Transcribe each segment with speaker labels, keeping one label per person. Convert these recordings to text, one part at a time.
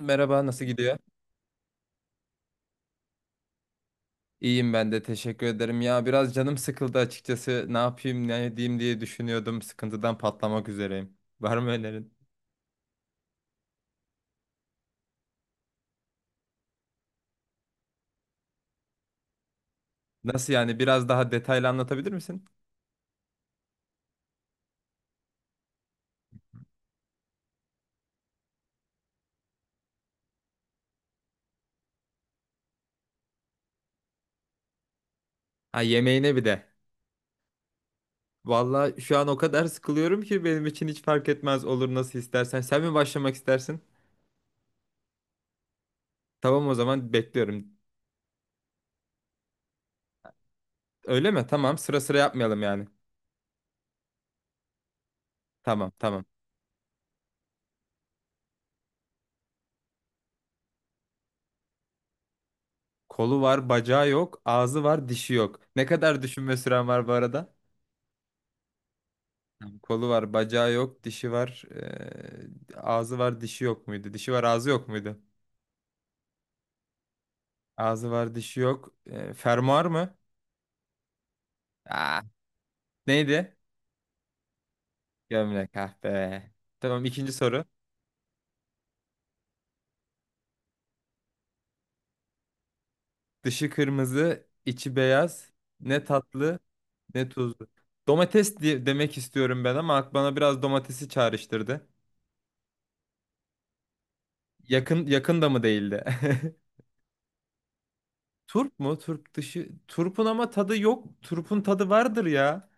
Speaker 1: Merhaba, nasıl gidiyor? İyiyim ben de, teşekkür ederim. Ya biraz canım sıkıldı açıkçası. Ne yapayım, ne edeyim diye düşünüyordum. Sıkıntıdan patlamak üzereyim. Var mı önerin? Nasıl yani? Biraz daha detaylı anlatabilir misin? Ha, yemeğine bir de. Vallahi şu an o kadar sıkılıyorum ki benim için hiç fark etmez, olur nasıl istersen. Sen mi başlamak istersin? Tamam, o zaman bekliyorum. Öyle mi? Tamam, sıra sıra yapmayalım yani. Tamam, tamam. Kolu var, bacağı yok, ağzı var, dişi yok. Ne kadar düşünme süren var bu arada? Tamam, kolu var, bacağı yok, dişi var, ağzı var, dişi yok muydu? Dişi var, ağzı yok muydu? Ağzı var, dişi yok. Fermuar mı? Aa, neydi? Gömlek ah be. Tamam, ikinci soru. Dışı kırmızı, içi beyaz. Ne tatlı, ne tuzlu. Domates diye demek istiyorum ben ama bana biraz domatesi çağrıştırdı. Yakın yakın da mı değildi? Turp mu? Turp dışı. Turpun ama tadı yok. Turpun tadı vardır ya.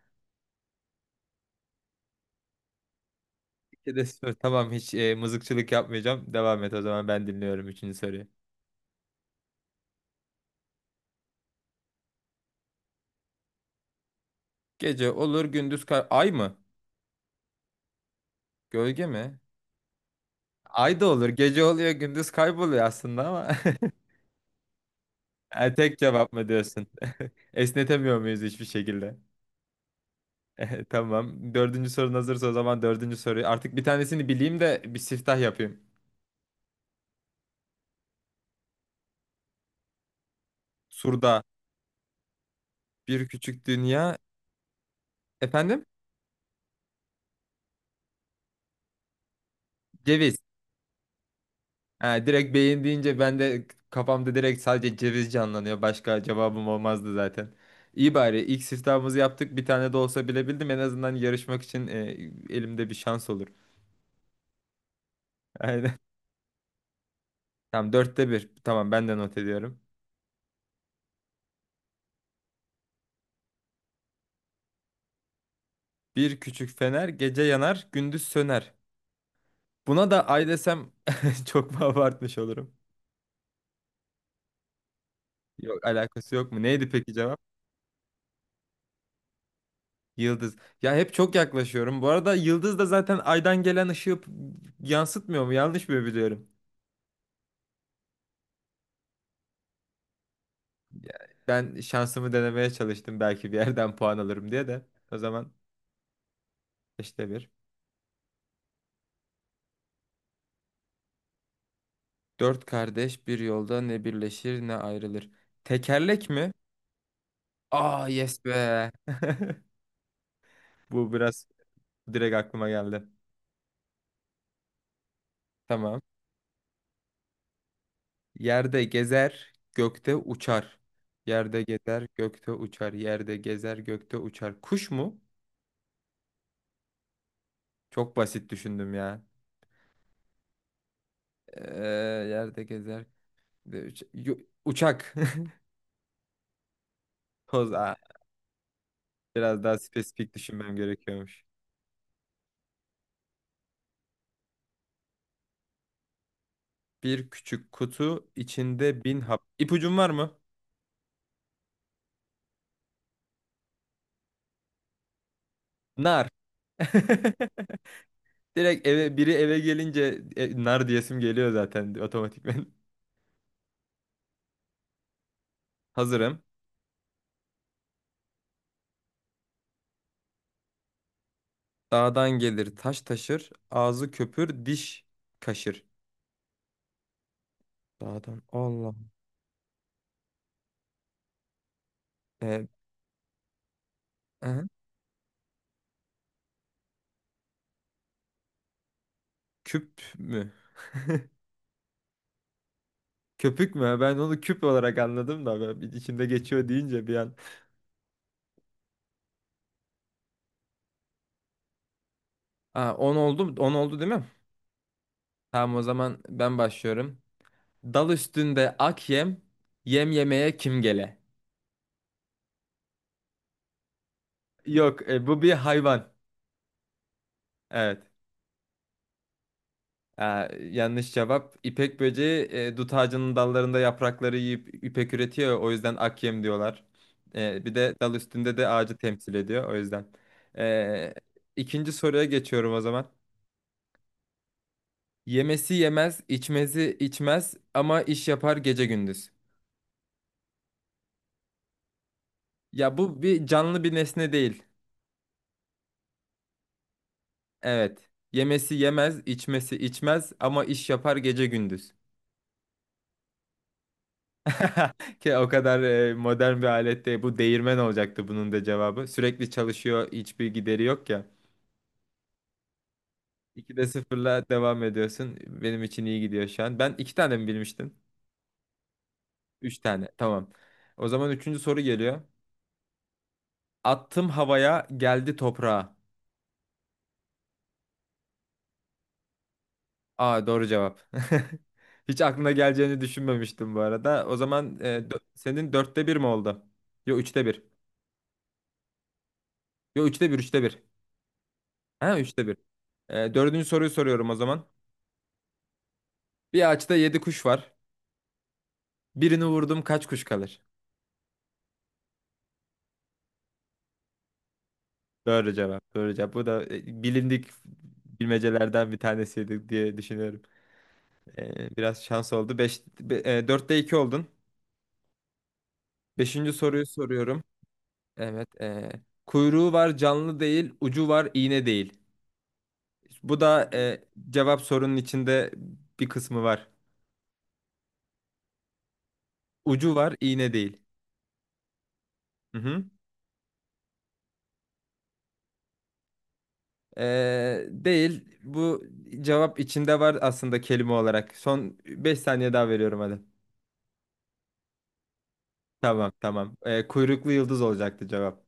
Speaker 1: De sor. Tamam, hiç mızıkçılık yapmayacağım. Devam et, o zaman ben dinliyorum üçüncü soruyu. Gece olur, gündüz ay mı? Gölge mi? Ay da olur. Gece oluyor, gündüz kayboluyor aslında ama. E, tek cevap mı diyorsun? Esnetemiyor muyuz hiçbir şekilde? Tamam. Dördüncü sorun hazırsa, o zaman dördüncü soruyu. Artık bir tanesini bileyim de bir siftah yapayım. Surda bir küçük dünya. Efendim? Ceviz. Ha, direkt beyin deyince ben de kafamda direkt sadece ceviz canlanıyor. Başka cevabım olmazdı zaten. İyi, bari ilk siftahımızı yaptık. Bir tane de olsa bilebildim. En azından yarışmak için elimde bir şans olur. Aynen. Tamam, dörtte bir. Tamam, ben de not ediyorum. Bir küçük fener, gece yanar, gündüz söner. Buna da ay desem çok mu abartmış olurum? Yok, alakası yok mu? Neydi peki cevap? Yıldız. Ya hep çok yaklaşıyorum. Bu arada yıldız da zaten aydan gelen ışığı yansıtmıyor mu? Yanlış mı biliyorum? Ya, ben şansımı denemeye çalıştım belki bir yerden puan alırım diye de. O zaman işte bir. Dört kardeş bir yolda, ne birleşir ne ayrılır. Tekerlek mi? Aa, yes be. Bu biraz direkt aklıma geldi. Tamam. Yerde gezer, gökte uçar. Yerde gezer, gökte uçar. Yerde gezer, gökte uçar. Kuş mu? Çok basit düşündüm ya. Ee, Yerde gezer. de uç- Yo- Uçak. Toz. Biraz daha spesifik düşünmem gerekiyormuş. Bir küçük kutu içinde bin hap. İpucun var mı? Nar. Direkt biri eve gelince nar diyesim geliyor zaten otomatikmen. Hazırım. Dağdan gelir taş taşır, ağzı köpür diş kaşır. Dağdan Allah. Ee, aha. Küp mü? Köpük mü? Ben onu küp olarak anladım da ben bir içinde geçiyor deyince bir an. Aa, 10 oldu, 10 oldu değil mi? Tamam, o zaman ben başlıyorum. Dal üstünde ak yem, yem yemeye kim gele? Yok, bu bir hayvan. Evet. Ee, yanlış cevap. İpek böceği dut ağacının dallarında yaprakları yiyip ipek üretiyor ya, o yüzden ak yem diyorlar. Bir de dal üstünde de ağacı temsil ediyor. O yüzden. Ee, ikinci soruya geçiyorum o zaman. Yemesi yemez, içmesi içmez ama iş yapar gece gündüz. Ya, bu bir canlı bir nesne değil. Evet. Yemesi yemez, içmesi içmez ama iş yapar gece gündüz. Ki o kadar modern bir alette bu değirmen olacaktı bunun da cevabı. Sürekli çalışıyor, hiçbir gideri yok ya. 2'de sıfırla devam ediyorsun. Benim için iyi gidiyor şu an. Ben iki tane mi bilmiştim? Üç tane. Tamam. O zaman üçüncü soru geliyor. Attım havaya, geldi toprağa. Aa, doğru cevap. Hiç aklına geleceğini düşünmemiştim bu arada. O zaman senin dörtte bir mi oldu? Yok, üçte bir. Yo, üçte bir, üçte bir. Ha, üçte bir. Dördüncü soruyu soruyorum o zaman. Bir ağaçta 7 kuş var. Birini vurdum, kaç kuş kalır? Doğru cevap. Doğru cevap. Bu da bilindik bilmecelerden bir tanesiydi diye düşünüyorum. Biraz şans oldu. 5 dörtte 2 oldun. Beşinci soruyu soruyorum. Evet. Kuyruğu var, canlı değil, ucu var, iğne değil. Bu da cevap sorunun içinde bir kısmı var. Ucu var, iğne değil. Hı. Değil. Bu cevap içinde var aslında, kelime olarak. Son 5 saniye daha veriyorum hadi. Tamam, tamam. Kuyruklu yıldız olacaktı cevap.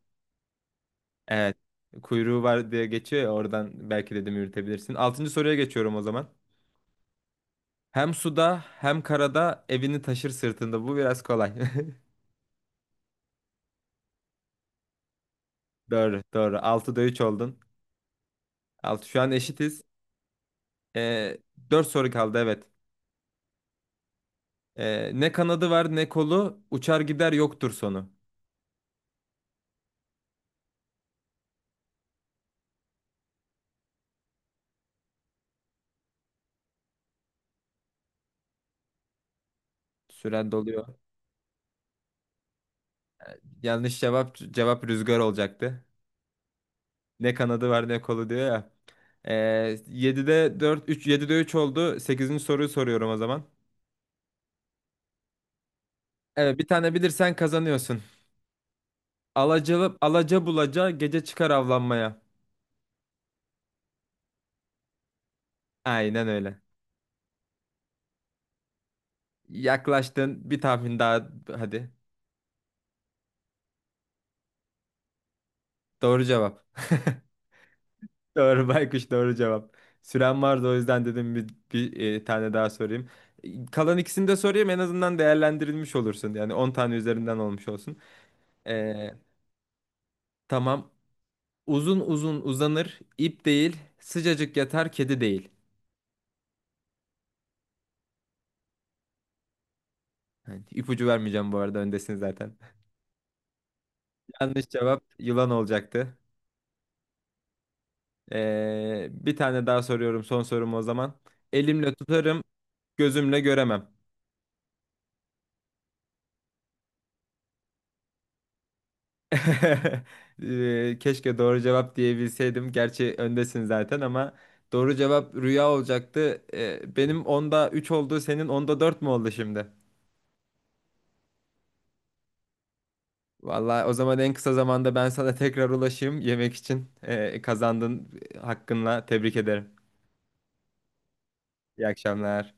Speaker 1: Evet. Kuyruğu var diye geçiyor ya, oradan belki dedim yürütebilirsin. Altıncı soruya geçiyorum o zaman. Hem suda hem karada evini taşır sırtında. Bu biraz kolay. Doğru, doğru. 6'da 3 oldun. 6, şu an eşitiz. Ee, 4 soru kaldı evet. Ne kanadı var ne kolu, uçar gider, yoktur sonu. Süren doluyor. Yanlış cevap, rüzgar olacaktı. Ne kanadı var ne kolu diyor ya. Ee, 7'de 4 3 7'de 3 oldu. Sekizinci soruyu soruyorum o zaman. Evet, bir tane bilirsen kazanıyorsun. Alacalı alaca bulaca gece çıkar avlanmaya. Aynen öyle. Yaklaştın, bir tahmin daha hadi. Doğru cevap. Doğru, baykuş doğru cevap. Süren vardı, o yüzden dedim bir tane daha sorayım. E, kalan ikisini de sorayım, en azından değerlendirilmiş olursun. Yani 10 tane üzerinden olmuş olsun. Ee, Tamam. Uzun uzun uzanır, ip değil, sıcacık yatar, kedi değil. Hani ipucu vermeyeceğim bu arada, öndesiniz zaten. Yanlış cevap, yılan olacaktı. Bir tane daha soruyorum, son sorum o zaman. Elimle tutarım, gözümle göremem. Keşke doğru cevap diyebilseydim. Gerçi öndesin zaten ama doğru cevap rüya olacaktı. Benim onda 3 oldu, senin onda 4 mü oldu şimdi? Vallahi o zaman en kısa zamanda ben sana tekrar ulaşayım yemek için. Kazandın hakkınla, tebrik ederim. İyi akşamlar.